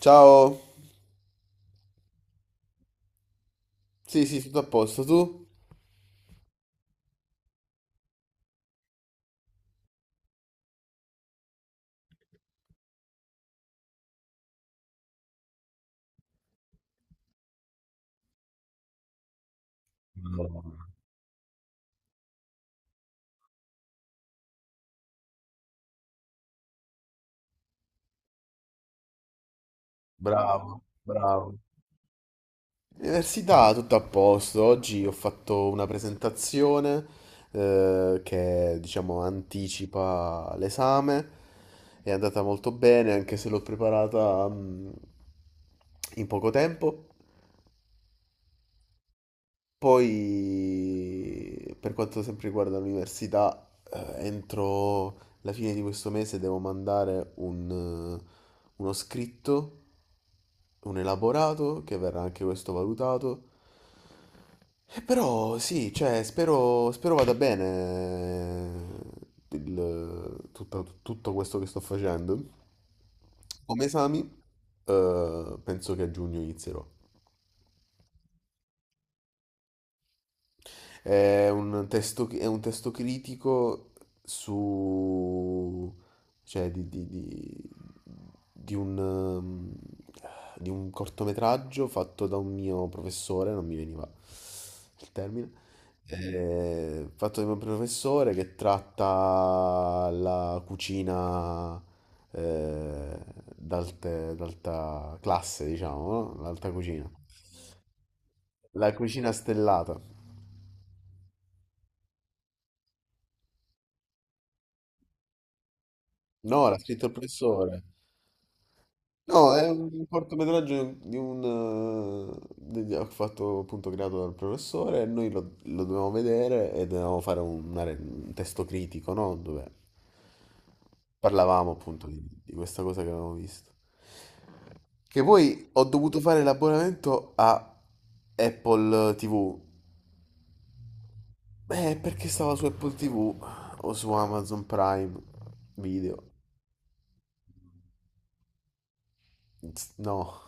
Ciao. Sì, sì, tutto a posto. Tu? Bravo, bravo. Università, tutto a posto. Oggi ho fatto una presentazione che, diciamo, anticipa l'esame. È andata molto bene, anche se l'ho preparata in poco tempo. Poi, per quanto sempre riguarda l'università, entro la fine di questo mese devo mandare un, uno scritto un elaborato che verrà anche questo valutato. E però sì, cioè, spero vada bene tutto questo che sto facendo. Come esami, penso che a giugno inizierò. È un testo critico su, cioè, di un, ehm, di un cortometraggio fatto da un mio professore, non mi veniva il termine, fatto da un mio professore che tratta la cucina eh, d'alta classe, diciamo, no? L'alta cucina. La cucina stellata. No, l'ha scritto il professore. No, è un cortometraggio ho fatto appunto creato dal professore e noi lo dovevamo vedere e dovevamo fare un testo critico, no? Dove parlavamo appunto di questa cosa che avevamo visto. Che poi ho dovuto fare l'abbonamento a Apple TV. Perché stava su Apple TV o su Amazon Prime Video? No,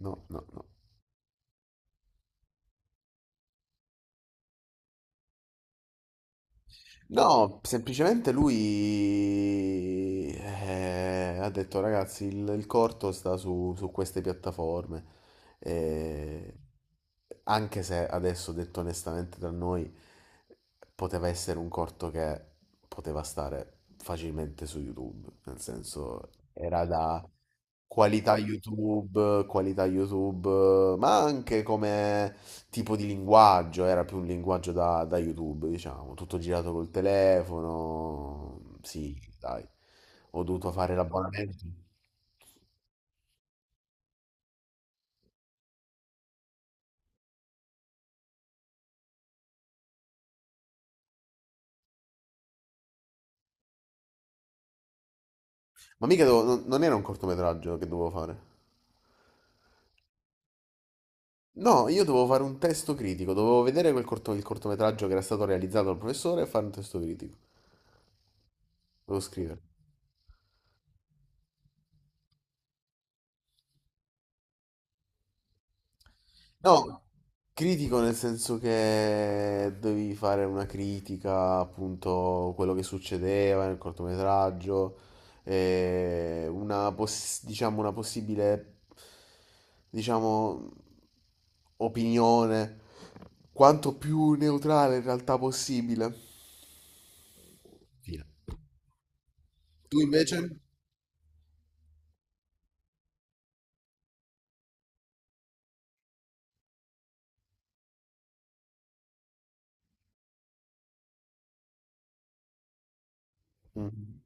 no, no, no. No, semplicemente lui ha detto ragazzi, il corto sta su queste piattaforme. Eh, Anche se adesso detto onestamente da noi poteva essere un corto che poteva stare facilmente su YouTube, nel senso era da qualità YouTube, qualità YouTube, ma anche come tipo di linguaggio, era più un linguaggio da YouTube, diciamo, tutto girato col telefono. Sì, dai, ho dovuto fare l'abbonamento. Ma mica non era un cortometraggio che dovevo fare. No, io dovevo fare un testo critico, dovevo vedere quel il cortometraggio che era stato realizzato dal professore e fare un testo critico. Dovevo scrivere. No, critico nel senso che dovevi fare una critica appunto quello che succedeva nel cortometraggio, e diciamo, una possibile, diciamo, opinione quanto più neutrale in realtà possibile. Fine. Tu invece? Mhm.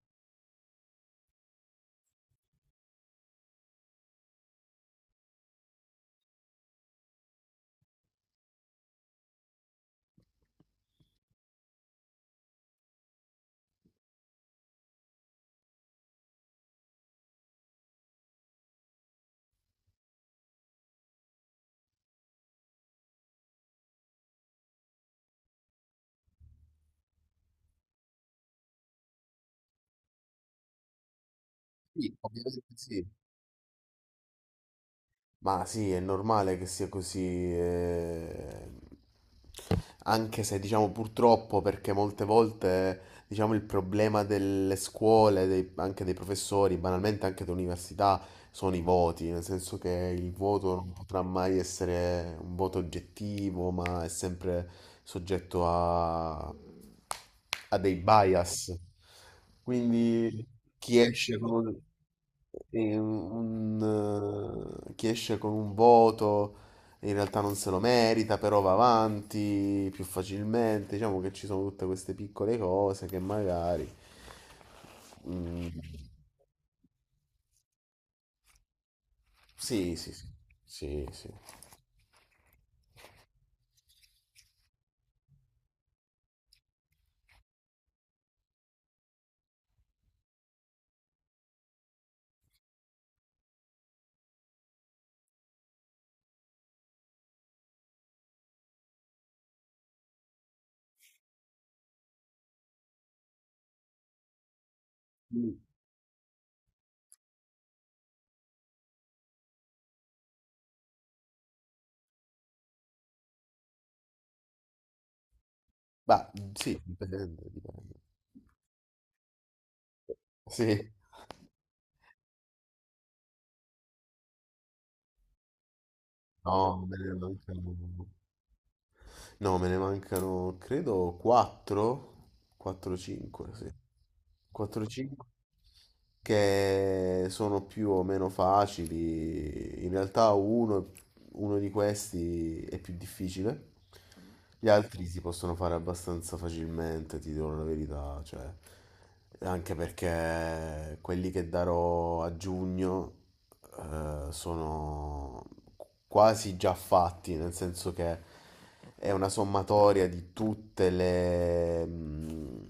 Sì, ovviamente sì. Ma sì, è normale che sia così, eh. Anche se diciamo purtroppo perché molte volte diciamo il problema delle scuole, anche dei professori, banalmente anche dell'università, sono i voti, nel senso che il voto non potrà mai essere un voto oggettivo, ma è sempre soggetto a dei bias. Quindi chi esce con un, chi esce con un voto in realtà non se lo merita, però va avanti più facilmente. Diciamo che ci sono tutte queste piccole cose che magari mm, sì, sì, sì, sì, sì. Mm. Bah, sì, dipende, dipende. Sì, no, beh, non credo. No, me ne mancano, credo, 4, 4-5, sì. 4-5 che sono più o meno facili. In realtà uno di questi è più difficile. Gli altri si possono fare abbastanza facilmente, ti dirò la verità, cioè, anche perché quelli che darò a giugno sono quasi già fatti, nel senso che è una sommatoria di tutte le, mh,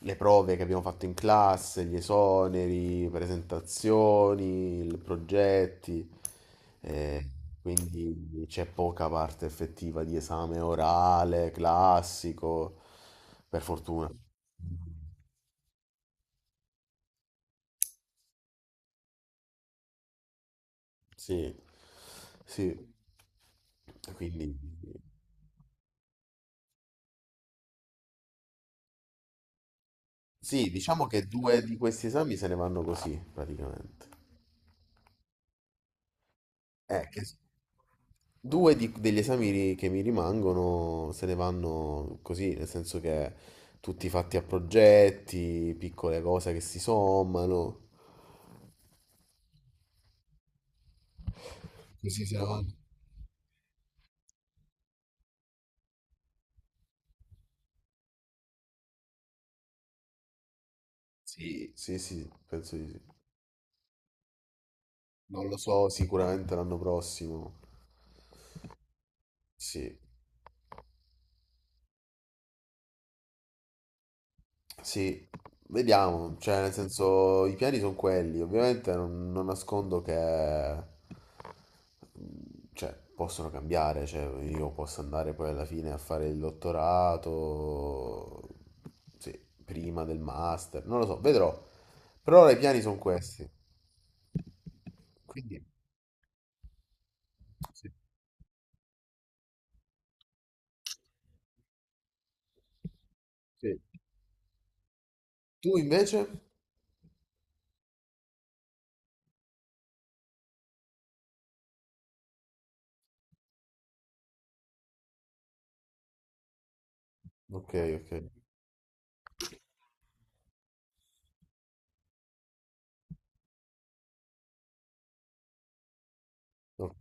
le prove che abbiamo fatto in classe, gli esoneri, presentazioni, progetti, eh, quindi c'è poca parte effettiva di esame orale, classico, per fortuna. Sì, sì, quindi sì, diciamo che due di questi esami se ne vanno così praticamente. Eh, che... degli esami che mi rimangono se ne vanno così, nel senso che tutti fatti a progetti, piccole cose che si sommano. Così se ne però vanno. Sì, sì, sì, penso di sì. Non lo so. Lo so sicuramente l'anno prossimo. Sì. Sì, vediamo, cioè nel senso i piani sono quelli, ovviamente non nascondo che mm, cioè, possono cambiare, cioè io posso andare poi alla fine a fare il dottorato, sì, prima del master, non lo so, vedrò, per ora i piani sono questi, quindi sì. Sì. Tu invece? Ok, ok, ok,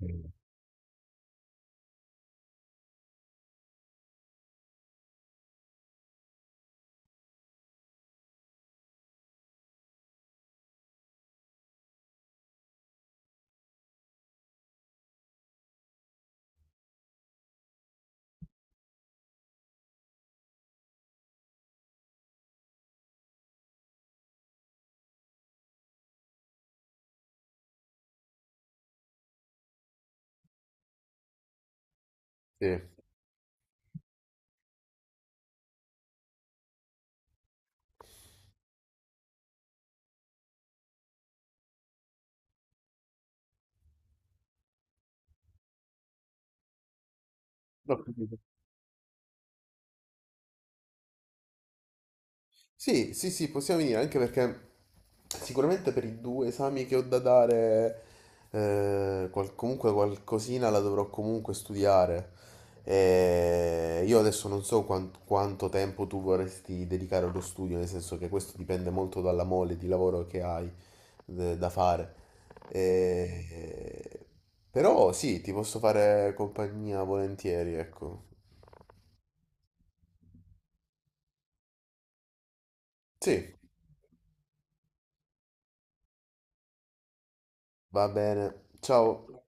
sì. L'ho capito. Sì, sì, sì, possiamo venire, anche perché sicuramente per i due esami che ho da dare, comunque qualcosina la dovrò comunque studiare. E io adesso non so quanto tempo tu vorresti dedicare allo studio, nel senso che questo dipende molto dalla mole di lavoro che hai da fare. E- Però sì, ti posso fare compagnia volentieri, ecco. Sì, va bene. Ciao.